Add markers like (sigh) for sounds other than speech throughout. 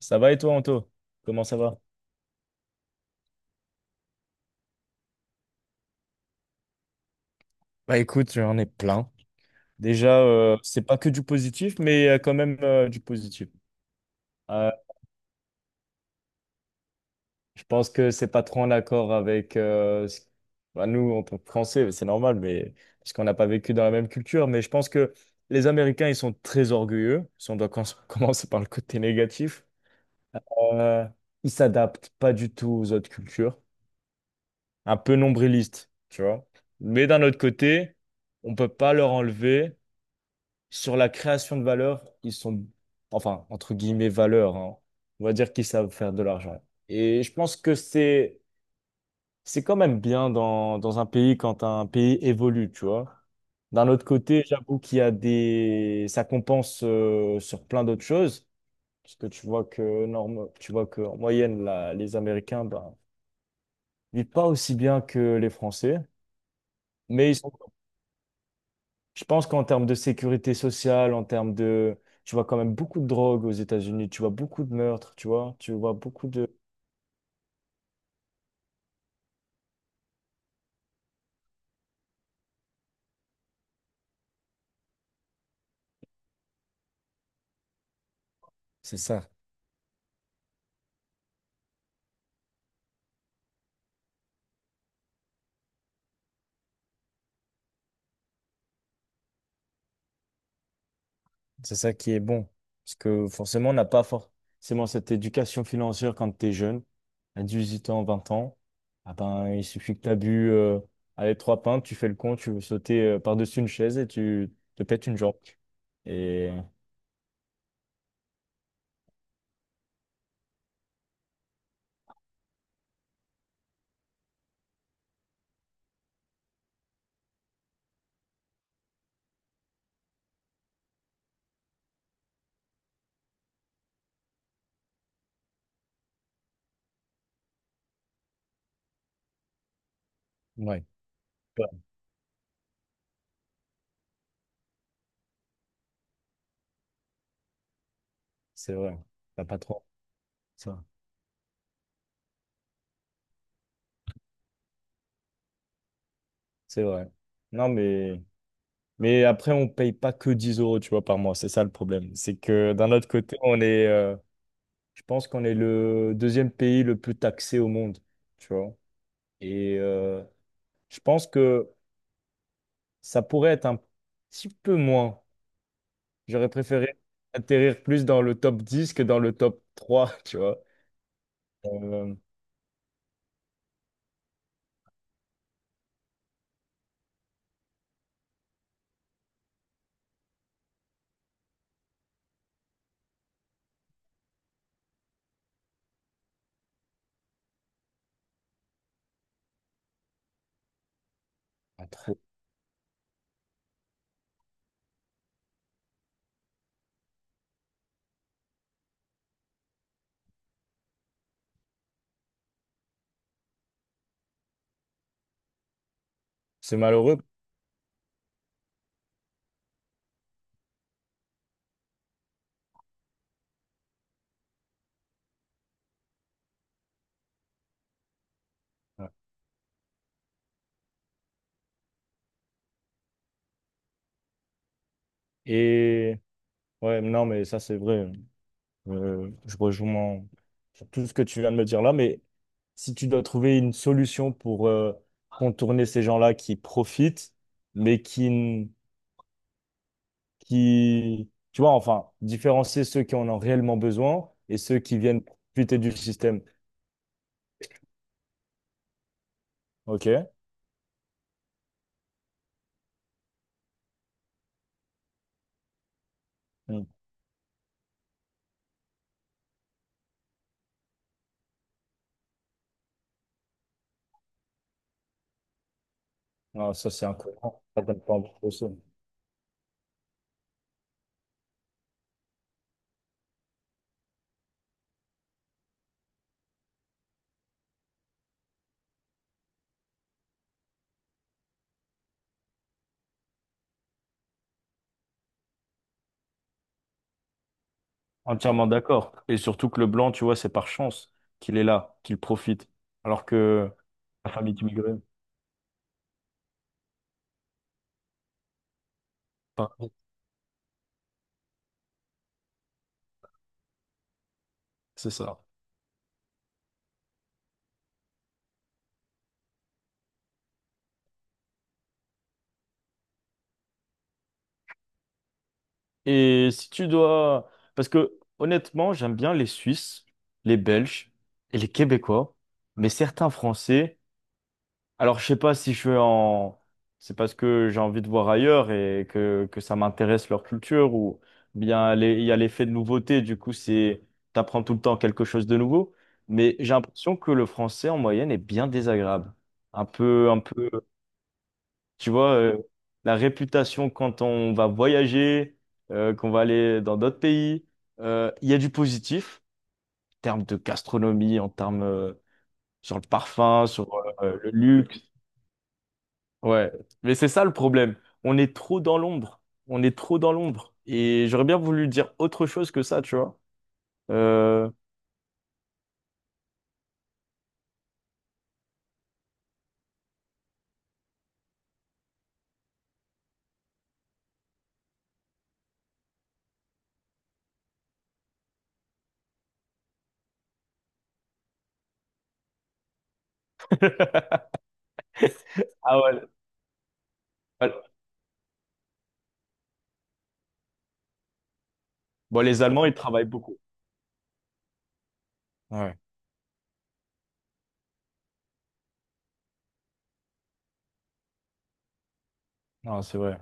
Ça va et toi, Anto? Comment ça va? Bah écoute, j'en ai plein. Déjà, c'est pas que du positif, mais il quand même du positif. Euh, je pense que c'est pas trop en accord avec bah, nous en tant que Français, c'est normal, mais parce qu'on n'a pas vécu dans la même culture. Mais je pense que les Américains, ils sont très orgueilleux. Si on doit (laughs) commencer par le côté négatif, euh, ils s'adaptent pas du tout aux autres cultures, un peu nombrilistes, tu vois. Mais d'un autre côté, on peut pas leur enlever. Sur la création de valeur, ils sont, enfin, entre guillemets, valeur, hein. On va dire qu'ils savent faire de l'argent. Et je pense que c'est quand même bien dans un pays quand un pays évolue, tu vois. D'un autre côté, j'avoue qu'il y a des, ça compense sur plein d'autres choses, parce que tu vois que norme, tu vois que en moyenne, là, les Américains, ben, vivent pas aussi bien que les Français, mais ils sont. Je pense qu'en termes de sécurité sociale, en termes de... Tu vois quand même beaucoup de drogue aux États-Unis, tu vois beaucoup de meurtres, tu vois, beaucoup de... C'est ça, c'est ça qui est bon. Parce que forcément, on n'a pas forcément cette éducation financière quand tu es jeune, à 18 ans, 20 ans. Ah ben, il suffit que tu as bu allez, 3 pintes, tu fais le con, tu veux sauter par-dessus une chaise et tu te pètes une jambe. Et... Ouais, ouais, c'est vrai. T'as pas trop ça. C'est vrai. Non, mais... Mais après, on paye pas que 10 euros, tu vois, par mois. C'est ça le problème. C'est que d'un autre côté, on est, je pense qu'on est le deuxième pays le plus taxé au monde, tu vois. Et euh, je pense que ça pourrait être un petit peu moins. J'aurais préféré atterrir plus dans le top 10 que dans le top 3. (laughs) Tu vois. Euh, pas trop. C'est malheureux. Et ouais, non, mais ça, c'est vrai. Je rejoins tout ce que tu viens de me dire là, mais si tu dois trouver une solution pour contourner ces gens-là qui profitent, mais qui, n- qui, tu vois, enfin, différencier ceux qui en ont réellement besoin et ceux qui viennent profiter du système. OK? Hmm. Ah, ça, c'est incohérent. Ça donne pas envie de bosser. Entièrement d'accord. Et surtout que le blanc, tu vois, c'est par chance qu'il est là, qu'il profite. Alors que la famille d'immigrés, pas. C'est ça. Et si tu dois... Parce que honnêtement, j'aime bien les Suisses, les Belges et les Québécois, mais certains Français... Alors, je sais pas si je suis en... C'est parce que j'ai envie de voir ailleurs et que ça m'intéresse leur culture ou il y a l'effet de nouveauté, du coup, c'est... T'apprends tout le temps quelque chose de nouveau. Mais j'ai l'impression que le français, en moyenne, est bien désagréable. Un peu... Tu vois, la réputation quand on va voyager, qu'on va aller dans d'autres pays, il y a du positif en termes de gastronomie, en termes sur le parfum, sur le luxe. Ouais, mais c'est ça le problème. On est trop dans l'ombre. On est trop dans l'ombre. Et j'aurais bien voulu dire autre chose que ça, tu vois. Euh, (laughs) Ah ouais. Ouais. Bon, les Allemands, ils travaillent beaucoup. Ouais, non, c'est vrai.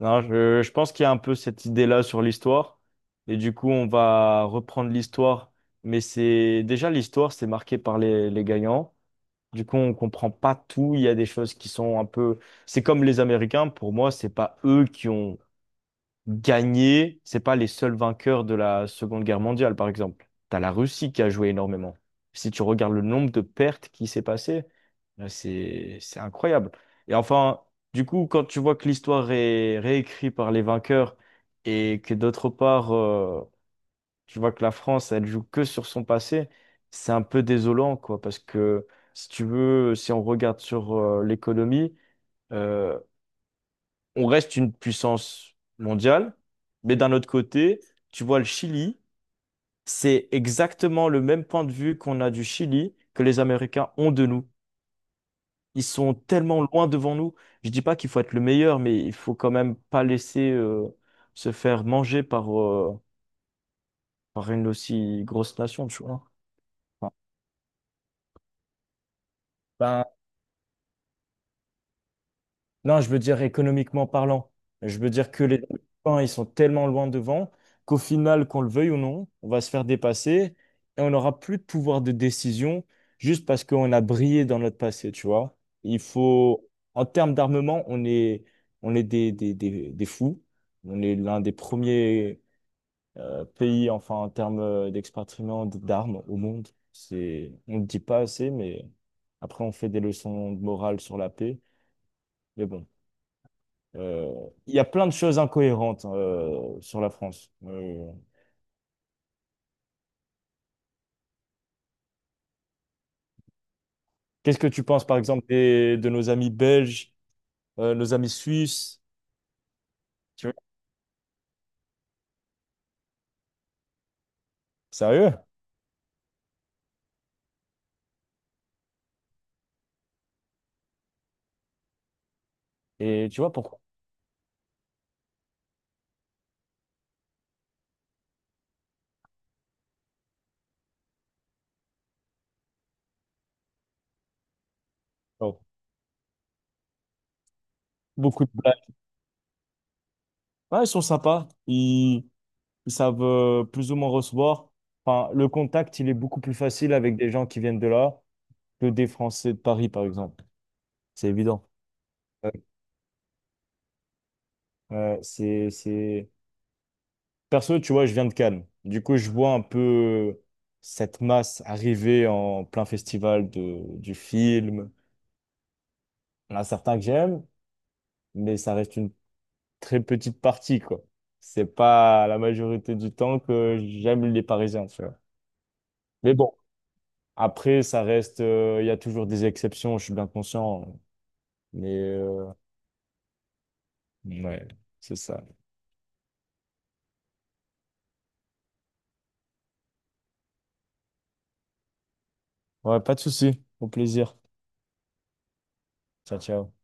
Non, je pense qu'il y a un peu cette idée-là sur l'histoire. Et du coup, on va reprendre l'histoire. Mais c'est déjà l'histoire, c'est marqué par les gagnants. Du coup, on comprend pas tout. Il y a des choses qui sont un peu. C'est comme les Américains. Pour moi, c'est pas eux qui ont gagner, c'est pas les seuls vainqueurs de la Seconde Guerre mondiale, par exemple. T'as la Russie qui a joué énormément. Si tu regardes le nombre de pertes qui s'est passé, là, c'est incroyable. Et enfin, du coup, quand tu vois que l'histoire est réécrite par les vainqueurs et que d'autre part, tu vois que la France, elle joue que sur son passé, c'est un peu désolant, quoi, parce que si tu veux, si on regarde sur l'économie. euh, on reste une puissance mondiale, mais d'un autre côté, tu vois, le Chili, c'est exactement le même point de vue qu'on a du Chili que les Américains ont de nous. Ils sont tellement loin devant nous. Je dis pas qu'il faut être le meilleur, mais il faut quand même pas laisser se faire manger par une aussi grosse nation, tu vois. Enfin, Ben, non, je veux dire économiquement parlant. Je veux dire que les Américains, ils sont tellement loin devant qu'au final, qu'on le veuille ou non, on va se faire dépasser et on n'aura plus de pouvoir de décision juste parce qu'on a brillé dans notre passé, tu vois. Il faut, en termes d'armement, on est des fous. On est l'un des premiers pays, enfin, en termes d'expatriement d'armes au monde. C'est, on ne le dit pas assez, mais après, on fait des leçons de morale sur la paix. Mais bon. Euh, Il y a plein de choses incohérentes sur la France. Qu'est-ce que tu penses, par exemple, de nos amis belges, nos amis suisses? Tu vois, sérieux? Et tu vois pourquoi? Oh, beaucoup de blagues. Ouais, ils sont sympas. Ils savent plus ou moins recevoir. Enfin, le contact, il est beaucoup plus facile avec des gens qui viennent de là que des Français de Paris, par exemple. C'est évident. Ouais. C'est... Perso, tu vois, je viens de Cannes. Du coup, je vois un peu cette masse arriver en plein festival de, du film. Il y en a certains que j'aime, mais ça reste une très petite partie, quoi. C'est pas la majorité du temps que j'aime les Parisiens, tu vois. Mais bon, après, ça reste, il y a toujours des exceptions, je suis bien conscient. Hein. Mais ouais, c'est ça. Ouais, pas de souci. Au plaisir. Ciao, ciao.